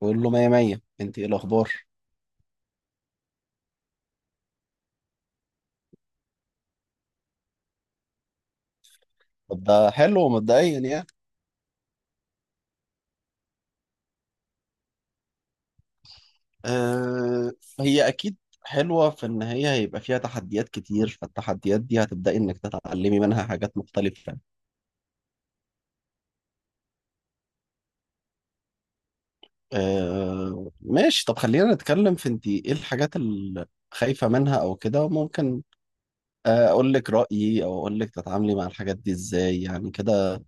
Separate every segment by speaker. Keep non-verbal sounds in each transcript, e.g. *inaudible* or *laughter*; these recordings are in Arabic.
Speaker 1: بقول له مية مية، انت ايه الاخبار؟ طب ده حلو مبدئيا يعني. آه، هي اكيد حلوة في ان هي هيبقى فيها تحديات كتير، فالتحديات دي هتبدأي انك تتعلمي منها حاجات مختلفة. آه، ماشي. طب خلينا نتكلم في انت ايه الحاجات اللي خايفة منها او كده، ممكن اقول لك رأيي او اقول لك تتعاملي مع الحاجات دي ازاي يعني كده.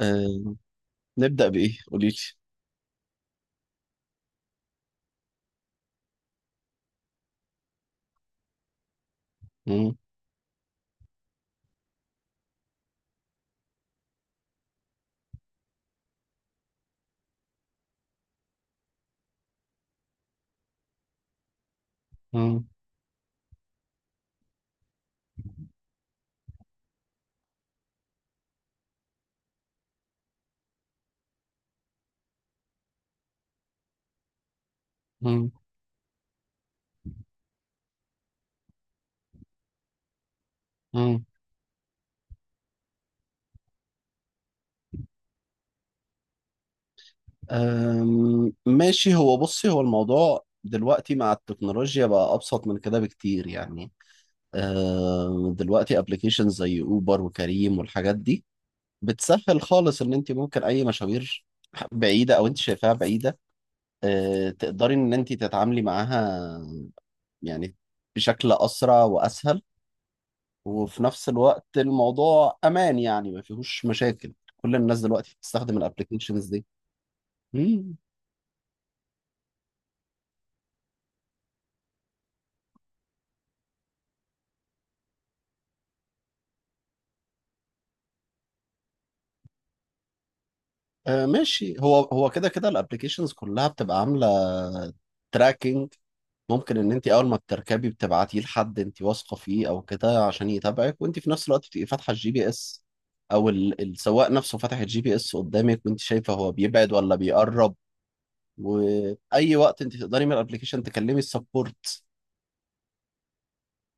Speaker 1: آه، نبدأ بايه؟ قولي لي. ماشي. هو بصي، هو الموضوع دلوقتي مع التكنولوجيا بقى أبسط من كده بكتير يعني. دلوقتي ابلكيشن زي أوبر وكريم والحاجات دي بتسهل خالص إن أنت ممكن أي مشاوير بعيدة أو أنت شايفاها بعيدة، تقدري إن أنت تتعاملي معاها يعني بشكل أسرع وأسهل. وفي نفس الوقت الموضوع أمان يعني، ما فيهوش مشاكل. كل الناس دلوقتي بتستخدم الابلكيشنز دي. آه، ماشي. هو هو كده كده الابلكيشنز كلها بتبقى عامله تراكنج. ممكن ان انت اول ما بتركبي بتبعتيه لحد انت واثقه فيه او كده عشان يتابعك، وانت في نفس الوقت بتبقي فاتحه الجي بي اس، او السواق نفسه فاتح الجي بي اس قدامك وانت شايفه هو بيبعد ولا بيقرب. واي وقت انت تقدري من الابلكيشن تكلمي السبورت.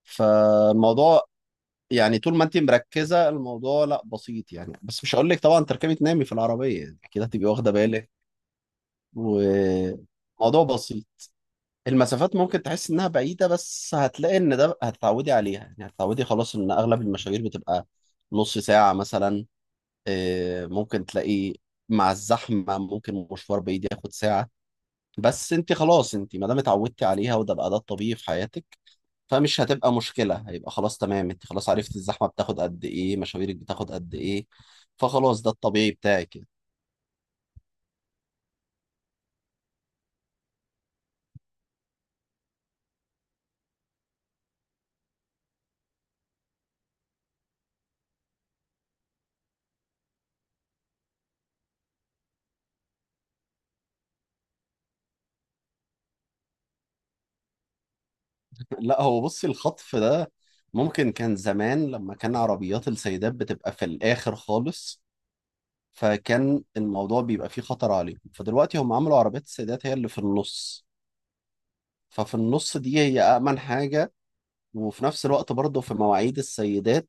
Speaker 1: فالموضوع يعني طول ما انت مركزه الموضوع لا بسيط يعني، بس مش هقول لك طبعا تركبي تنامي في العربيه يعني كده، هتبقي واخده بالك. وموضوع بسيط. المسافات ممكن تحس انها بعيده بس هتلاقي ان ده هتتعودي عليها يعني، هتتعودي خلاص ان اغلب المشاوير بتبقى نص ساعه مثلا. ممكن تلاقي مع الزحمه ممكن مشوار بعيد ياخد ساعه. بس انت خلاص، انت ما دام اتعودتي عليها وده بقى ده الطبيعي في حياتك فمش هتبقى مشكله. هيبقى خلاص تمام، انت خلاص عرفتي الزحمه بتاخد قد ايه، مشاويرك بتاخد قد ايه، فخلاص ده الطبيعي بتاعك. لا، هو بصي الخطف ده ممكن كان زمان لما كان عربيات السيدات بتبقى في الآخر خالص، فكان الموضوع بيبقى فيه خطر عليهم. فدلوقتي هم عملوا عربيات السيدات هي اللي في النص، ففي النص دي هي أأمن حاجة. وفي نفس الوقت برضه في مواعيد السيدات،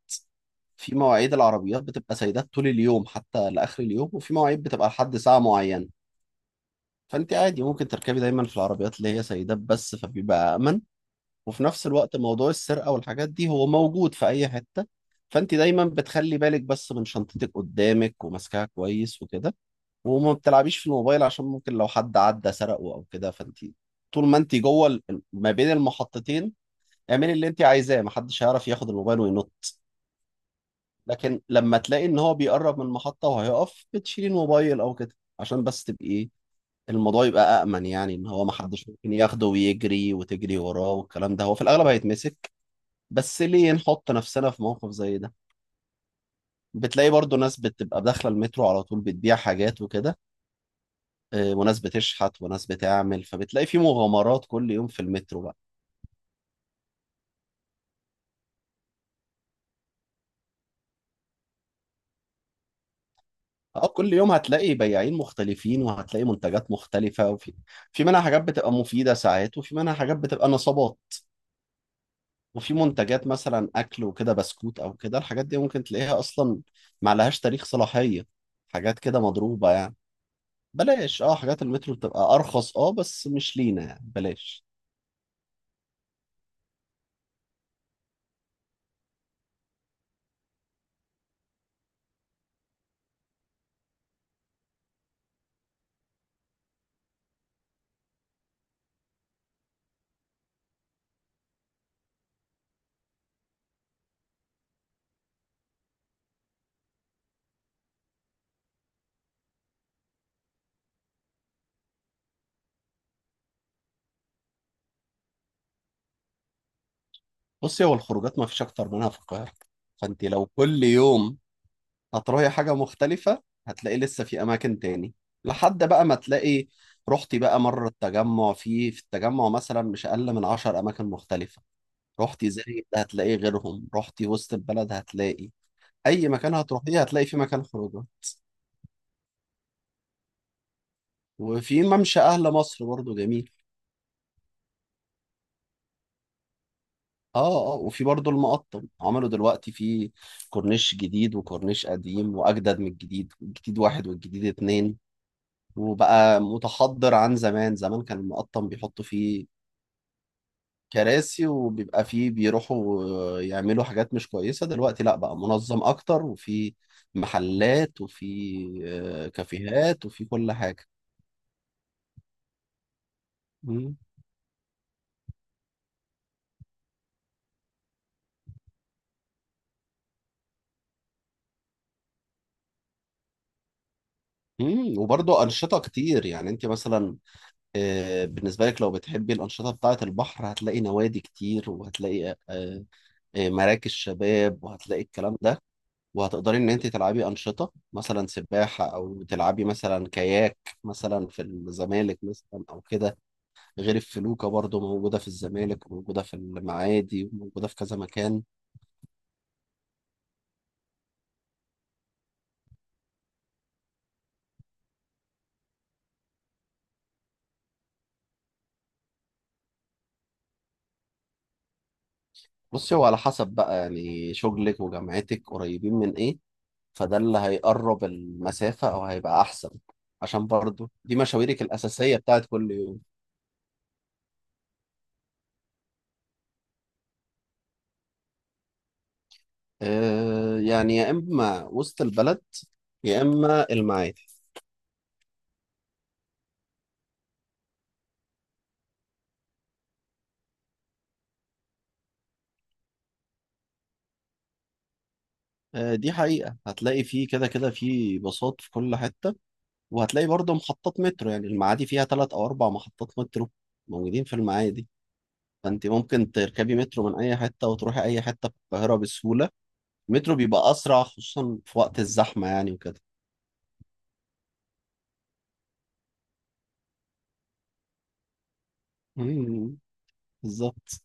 Speaker 1: في مواعيد العربيات بتبقى سيدات طول اليوم حتى لآخر اليوم، وفي مواعيد بتبقى لحد ساعة معينة. فأنت عادي ممكن تركبي دايما في العربيات اللي هي سيدات بس فبيبقى أمن. وفي نفس الوقت موضوع السرقة والحاجات دي هو موجود في أي حتة. فأنت دايما بتخلي بالك بس من شنطتك قدامك وماسكاها كويس وكده. وما بتلعبيش في الموبايل عشان ممكن لو حد عدى سرقه أو كده، فأنت طول ما أنت جوه ما بين المحطتين اعملي اللي أنت عايزاه، محدش هيعرف ياخد الموبايل وينط. لكن لما تلاقي إن هو بيقرب من المحطة وهيقف بتشيلي الموبايل أو كده عشان بس تبقي إيه، الموضوع يبقى أأمن يعني، إن هو محدش ممكن ياخده ويجري وتجري وراه، والكلام ده هو في الأغلب هيتمسك. بس ليه نحط نفسنا في موقف زي ده؟ بتلاقي برضو ناس بتبقى داخلة المترو على طول بتبيع حاجات وكده، وناس بتشحت وناس بتعمل، فبتلاقي في مغامرات كل يوم في المترو بقى. اه، كل يوم هتلاقي بياعين مختلفين وهتلاقي منتجات مختلفة، وفي في منها حاجات بتبقى مفيدة ساعات وفي منها حاجات بتبقى نصابات. وفي منتجات مثلا أكل وكده بسكوت أو كده، الحاجات دي ممكن تلاقيها أصلا ما لهاش تاريخ صلاحية، حاجات كده مضروبة يعني. بلاش، اه، حاجات المترو بتبقى أرخص، اه، بس مش لينا يعني، بلاش. بصي هو الخروجات ما فيش اكتر منها في القاهره. فانت لو كل يوم هتروحي حاجه مختلفه هتلاقي لسه في اماكن تاني، لحد بقى ما تلاقي رحتي بقى مره التجمع. في التجمع مثلا مش اقل من 10 اماكن مختلفه. رحتي زايد هتلاقي غيرهم، رحتي وسط البلد هتلاقي، اي مكان هتروحيه هتلاقي في مكان خروجه. وفي ممشى اهل مصر برضو جميل. اه، اه، وفي برضو المقطم عملوا دلوقتي في كورنيش جديد وكورنيش قديم، واجدد من الجديد، الجديد واحد والجديد اتنين. وبقى متحضر. عن زمان زمان كان المقطم بيحطوا فيه كراسي وبيبقى فيه بيروحوا يعملوا حاجات مش كويسة. دلوقتي لا، بقى منظم أكتر، وفي محلات وفي كافيهات وفي كل حاجة. مم. مم، وبرضه أنشطة كتير يعني أنت مثلا، بالنسبة لك لو بتحبي الأنشطة بتاعة البحر هتلاقي نوادي كتير، وهتلاقي مراكز شباب وهتلاقي الكلام ده. وهتقدري ان انت تلعبي انشطه مثلا سباحه او تلعبي مثلا كاياك، مثلا في الزمالك مثلا او كده. غير الفلوكه برضو موجوده في الزمالك وموجوده في المعادي وموجوده في كذا مكان. بصي هو على حسب بقى يعني، شغلك وجامعتك قريبين من ايه، فده اللي هيقرب المسافه او هيبقى احسن، عشان برضو دي مشاويرك الاساسيه بتاعت كل يوم. آه يعني، يا اما وسط البلد يا اما المعادي. آه، دي حقيقة هتلاقي فيه كده كده فيه باصات في كل حتة، وهتلاقي برضه محطات مترو. يعني المعادي فيها تلات أو أربع محطات مترو موجودين في المعادي. فأنت ممكن تركبي مترو من أي حتة وتروحي أي حتة في القاهرة بسهولة. المترو بيبقى أسرع خصوصا في وقت الزحمة يعني وكده. مم، بالظبط.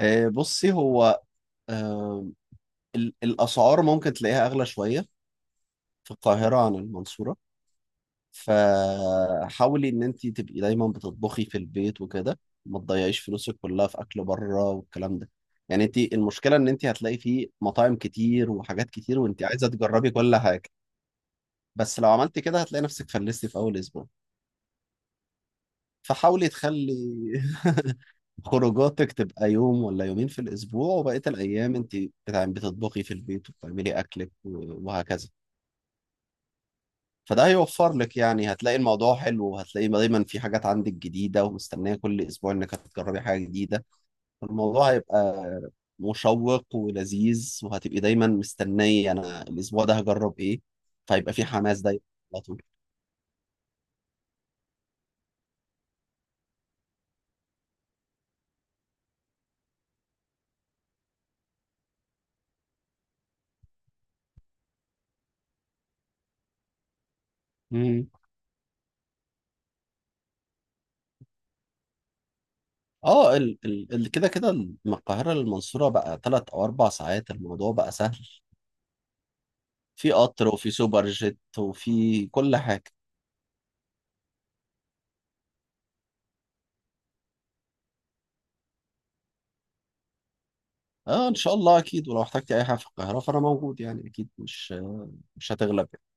Speaker 1: آه، بصي هو آه، الأسعار ممكن تلاقيها أغلى شوية في القاهرة عن المنصورة، فحاولي ان انت تبقي دايما بتطبخي في البيت وكده، ما تضيعيش فلوسك كلها في اكل بره والكلام ده. يعني انت المشكله ان انت هتلاقي فيه مطاعم كتير وحاجات كتير، وانت عايزه تجربي كل حاجه، بس لو عملتي كده هتلاقي نفسك فلستي في اول اسبوع. فحاولي تخلي *laughs* خروجاتك تبقى يوم ولا يومين في الاسبوع وبقيه الايام انت بتعملي بتطبخي في البيت وبتعملي اكلك وهكذا. فده هيوفر لك يعني، هتلاقي الموضوع حلو، وهتلاقي دايما في حاجات عندك جديدة ومستنية كل أسبوع إنك هتجربي حاجة جديدة. الموضوع هيبقى مشوق ولذيذ، وهتبقي دايما مستنية أنا الأسبوع ده هجرب إيه، فهيبقى في حماس دايما على طول. مم. اه، كده كده من القاهرة للمنصورة بقى 3 أو 4 ساعات. الموضوع بقى سهل، في قطر وفي سوبر جيت وفي كل حاجة. اه، إن شاء الله أكيد. ولو احتجتي أي حاجة في القاهرة فأنا موجود يعني، أكيد مش هتغلب يعني.